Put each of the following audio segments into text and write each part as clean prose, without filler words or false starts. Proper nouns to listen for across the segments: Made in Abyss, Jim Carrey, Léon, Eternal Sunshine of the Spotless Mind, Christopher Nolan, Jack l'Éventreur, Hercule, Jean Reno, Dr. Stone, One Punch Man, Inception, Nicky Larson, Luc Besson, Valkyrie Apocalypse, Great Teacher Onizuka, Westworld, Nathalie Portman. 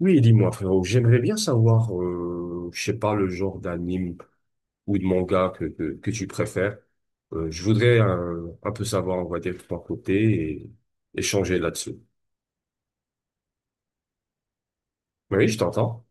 Oui, dis-moi, frérot, j'aimerais bien savoir, je sais pas, le genre d'anime ou de manga que tu préfères. Je voudrais un peu savoir, on va dire, de ton côté et échanger là-dessus. Oui, je t'entends.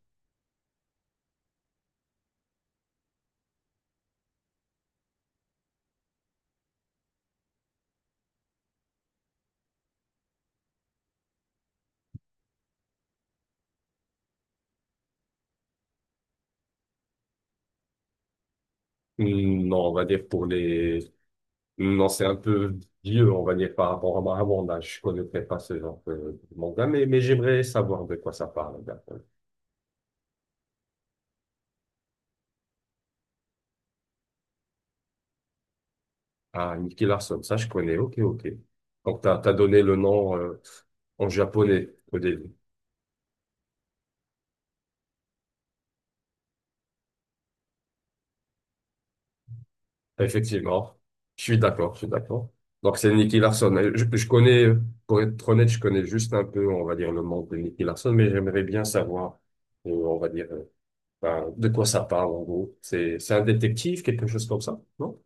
Non, on va dire pour les... Non, c'est un peu vieux, on va dire, par rapport à mon âge. Je connaîtrais pas ce genre de manga, mais j'aimerais savoir de quoi ça parle. D'accord. Ah, Nicky Larson, ça je connais, ok, ok. Donc, t'as donné le nom en japonais au début. Effectivement, je suis d'accord, je suis d'accord. Donc c'est Nicky Larson. Je connais, pour être honnête, je connais juste un peu, on va dire, le monde de Nicky Larson, mais j'aimerais bien savoir, on va dire, ben, de quoi ça parle en gros. C'est un détective, quelque chose comme ça, non?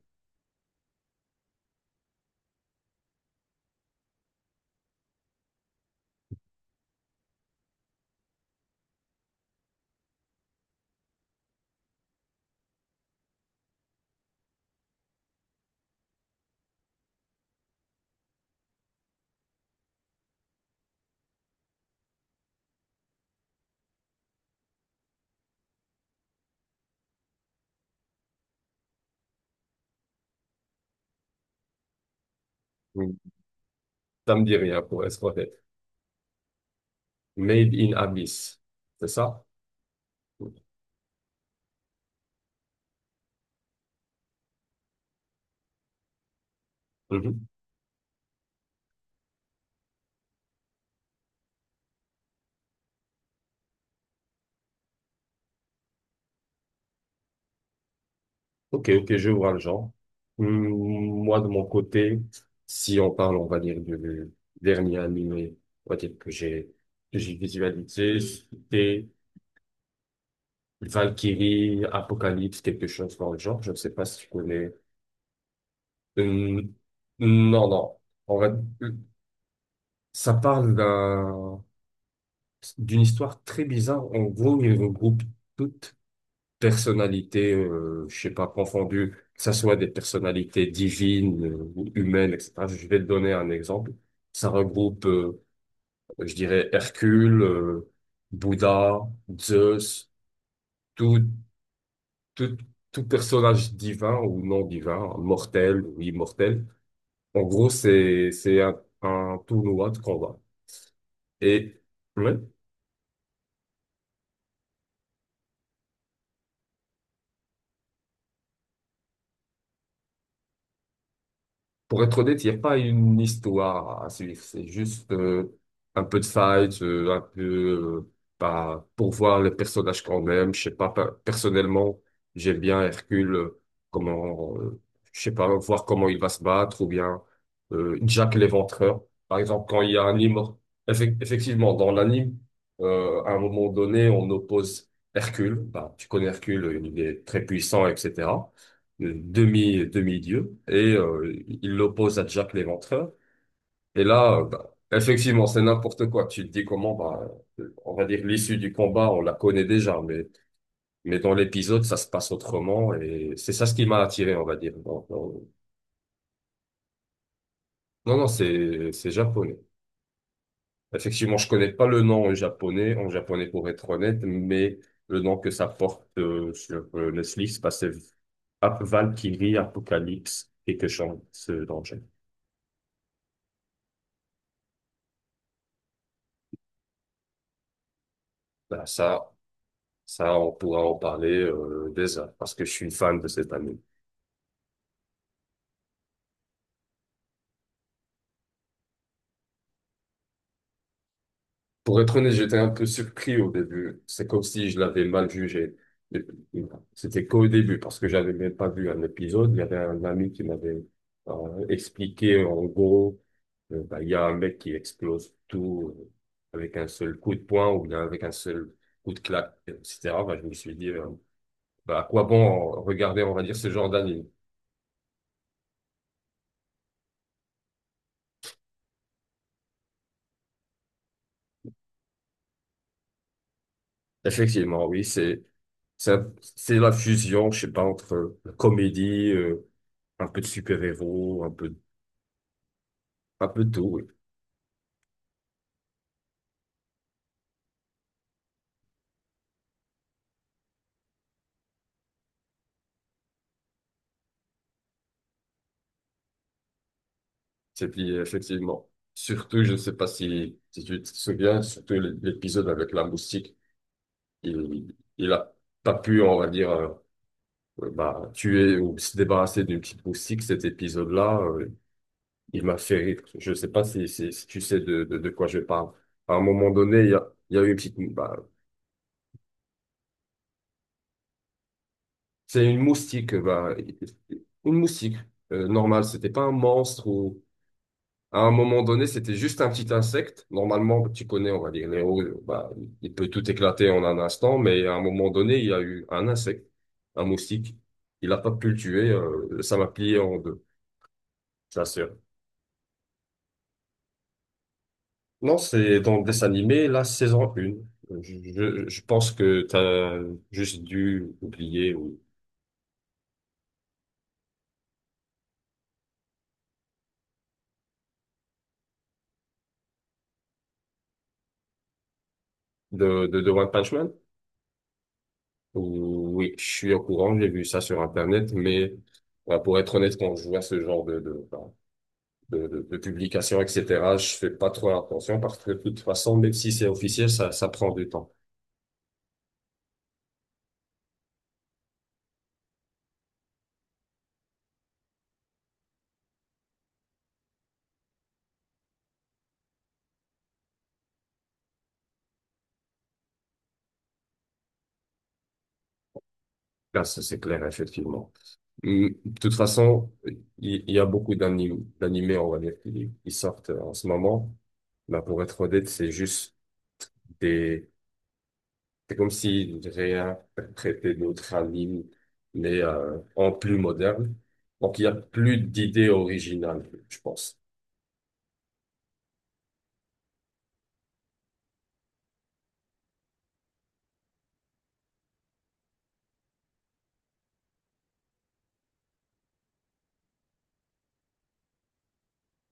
Mm. Ça me dit rien, pour être honnête. Made in Abyss, c'est ça? Mhm. Ok, ok, je vois le genre. Hum, Moi, de mon côté, si on parle, on va dire, du dernier animé, on va dire que que j'ai visualisé, c'était Valkyrie, Apocalypse, quelque chose dans le genre. Je ne sais pas si tu connais. Hum, non. En vrai, ça parle d'une histoire très bizarre. En gros, il regroupe toutes personnalités, je sais pas, confondues, que ça soit des personnalités divines ou humaines, etc. Je vais te donner un exemple. Ça regroupe, je dirais, Hercule, Bouddha, Zeus, tout, tout, tout personnage divin ou non divin, mortel ou immortel. En gros, c'est un tournoi de combat. Et, ouais. Pour être honnête, il n'y a pas une histoire à suivre. C'est juste un peu de fight, un peu euh, bah, pour voir les personnages quand même. Je sais pas, personnellement, j'aime bien Hercule, comment, je sais pas, voir comment il va se battre, ou bien Jack l'Éventreur. Par exemple, quand il y a un immort... effectivement, dans l'anime, à un moment donné, on oppose Hercule. Bah, tu connais Hercule, il est très puissant, etc. Demi-dieu, et il l'oppose à Jack l'Éventreur. Et là, bah, effectivement, c'est n'importe quoi. Tu te dis comment, bah, on va dire l'issue du combat, on la connaît déjà, mais dans l'épisode, ça se passe autrement, et c'est ça ce qui m'a attiré, on va dire. Non, non, non, c'est japonais. Effectivement, je connais pas le nom en japonais pour être honnête, mais le nom que ça porte sur Netflix, bah, c'est Valkyrie Apocalypse, quelque chose dans le genre. Bah, ça, Ça, on pourra en parler des heures parce que je suis fan de cette anime. Pour être honnête, j'étais un peu surpris au début. C'est comme si je l'avais mal jugé. C'était qu'au début parce que j'avais même pas vu un épisode. Il y avait un ami qui m'avait expliqué en gros, bah, il y a un mec qui explose tout avec un seul coup de poing ou bien avec un seul coup de claque, etc. Bah, je me suis dit, bah, à quoi bon regarder, on va dire, ce genre d'anime? Effectivement, oui, c'est la fusion, je sais pas, entre la comédie, un peu de super-héros, un peu de tout, oui. Et puis effectivement, surtout, je sais pas si tu te souviens, surtout l'épisode avec la moustique, il a pas pu, on va dire, bah tuer ou se débarrasser d'une petite moustique. Cet épisode-là, il m'a fait rire. Je sais pas si tu sais de quoi je parle. À un moment donné, il y a eu une petite, bah, C'est une moustique, bah, une moustique, normale. C'était pas un monstre ou à un moment donné, c'était juste un petit insecte. Normalement, tu connais, on va dire, les roues, bah, il peut tout éclater en un instant, mais à un moment donné, il y a eu un insecte, un moustique. Il a pas pu le tuer, ça m'a plié en deux, la sœur. Non, c'est dans le dessin animé, la saison 1. Je pense que t'as juste dû oublier ou de One Punch Man. Oui, je suis au courant, j'ai vu ça sur Internet, mais bah, pour être honnête, quand je vois ce genre bah, de publication, etc., je fais pas trop attention parce que de toute façon, même si c'est officiel, ça prend du temps. Là, ça, c'est clair, effectivement. De toute façon, il y a beaucoup d'animés, on va dire, qui sortent en ce moment. Bah, pour être honnête, c'est juste c'est comme s'il réinterprétait d'autres animes, mais en plus moderne. Donc, il y a plus d'idées originales, je pense.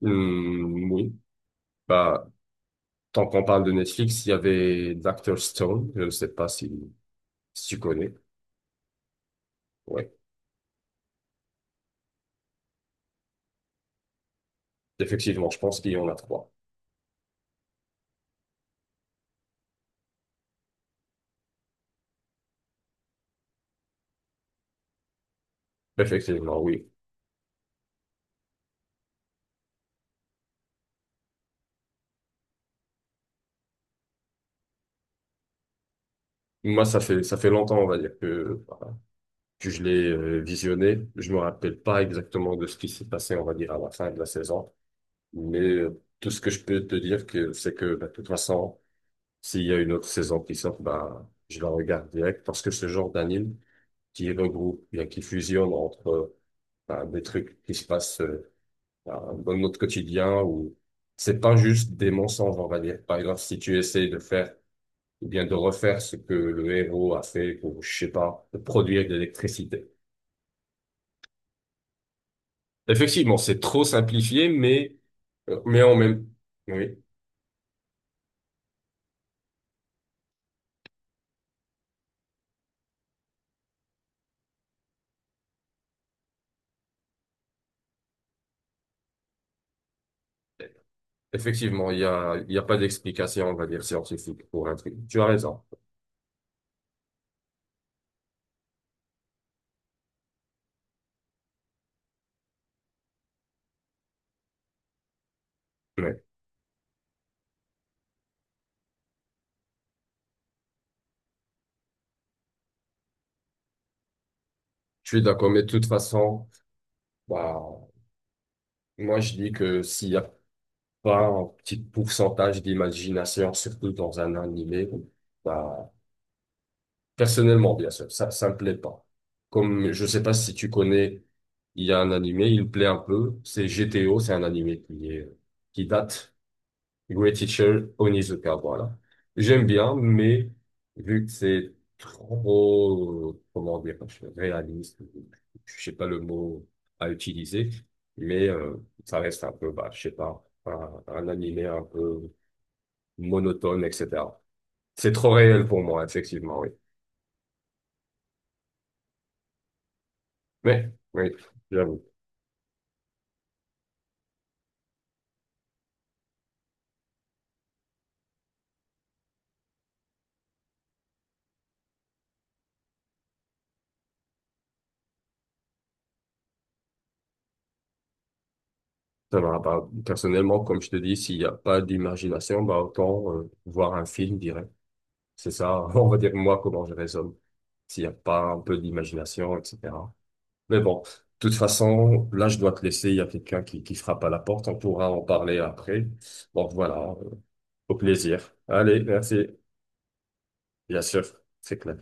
Oui. Bah, tant qu'on parle de Netflix, il y avait Dr. Stone. Je ne sais pas si, si tu connais. Ouais. Effectivement, je pense qu'il y en a trois. Effectivement, oui. Moi, ça fait longtemps, on va dire, que, voilà, que je l'ai visionné. Je me rappelle pas exactement de ce qui s'est passé, on va dire, à la fin de la saison. Mais tout ce que je peux te dire, que, c'est que bah, de toute façon, s'il y a une autre saison qui sort, bah, je la regarde direct parce que ce genre d'anime qui regroupe, bien, qui fusionne entre bah, des trucs qui se passent bah, dans notre quotidien ou c'est pas juste des mensonges, on va dire. Par exemple, si tu essayes de faire ou bien de refaire ce que le héros a fait pour, je sais pas, de produire de l'électricité. Effectivement, c'est trop simplifié, mais en même, oui. Effectivement, il y a pas d'explication, on va dire, scientifique pour un truc. Tu as raison. Mais je suis d'accord. Mais de toute façon, bah, moi, je dis que s'il y a pas un petit pourcentage d'imagination, surtout dans un animé, bah, personnellement, bien sûr, ça me plaît pas. Comme, je sais pas si tu connais, il y a un animé, il me plaît un peu. C'est GTO, c'est un animé qui est, qui date Great Teacher Onizuka, voilà. J'aime bien, mais vu que c'est trop, comment dire, réaliste, je sais pas le mot à utiliser, mais ça reste un peu, bah, je sais pas, un animé un peu monotone, etc. C'est trop réel pour moi, effectivement, oui. Mais, oui, j'avoue. Ça va pas. Personnellement, comme je te dis, s'il n'y a pas d'imagination, bah, autant voir un film direct. C'est ça, on va dire moi comment je raisonne, s'il n'y a pas un peu d'imagination, etc. Mais bon, de toute façon, là je dois te laisser, il y a quelqu'un qui frappe à la porte, on pourra en parler après. Donc voilà, euh, au plaisir. Allez, merci. Bien sûr, c'est clair.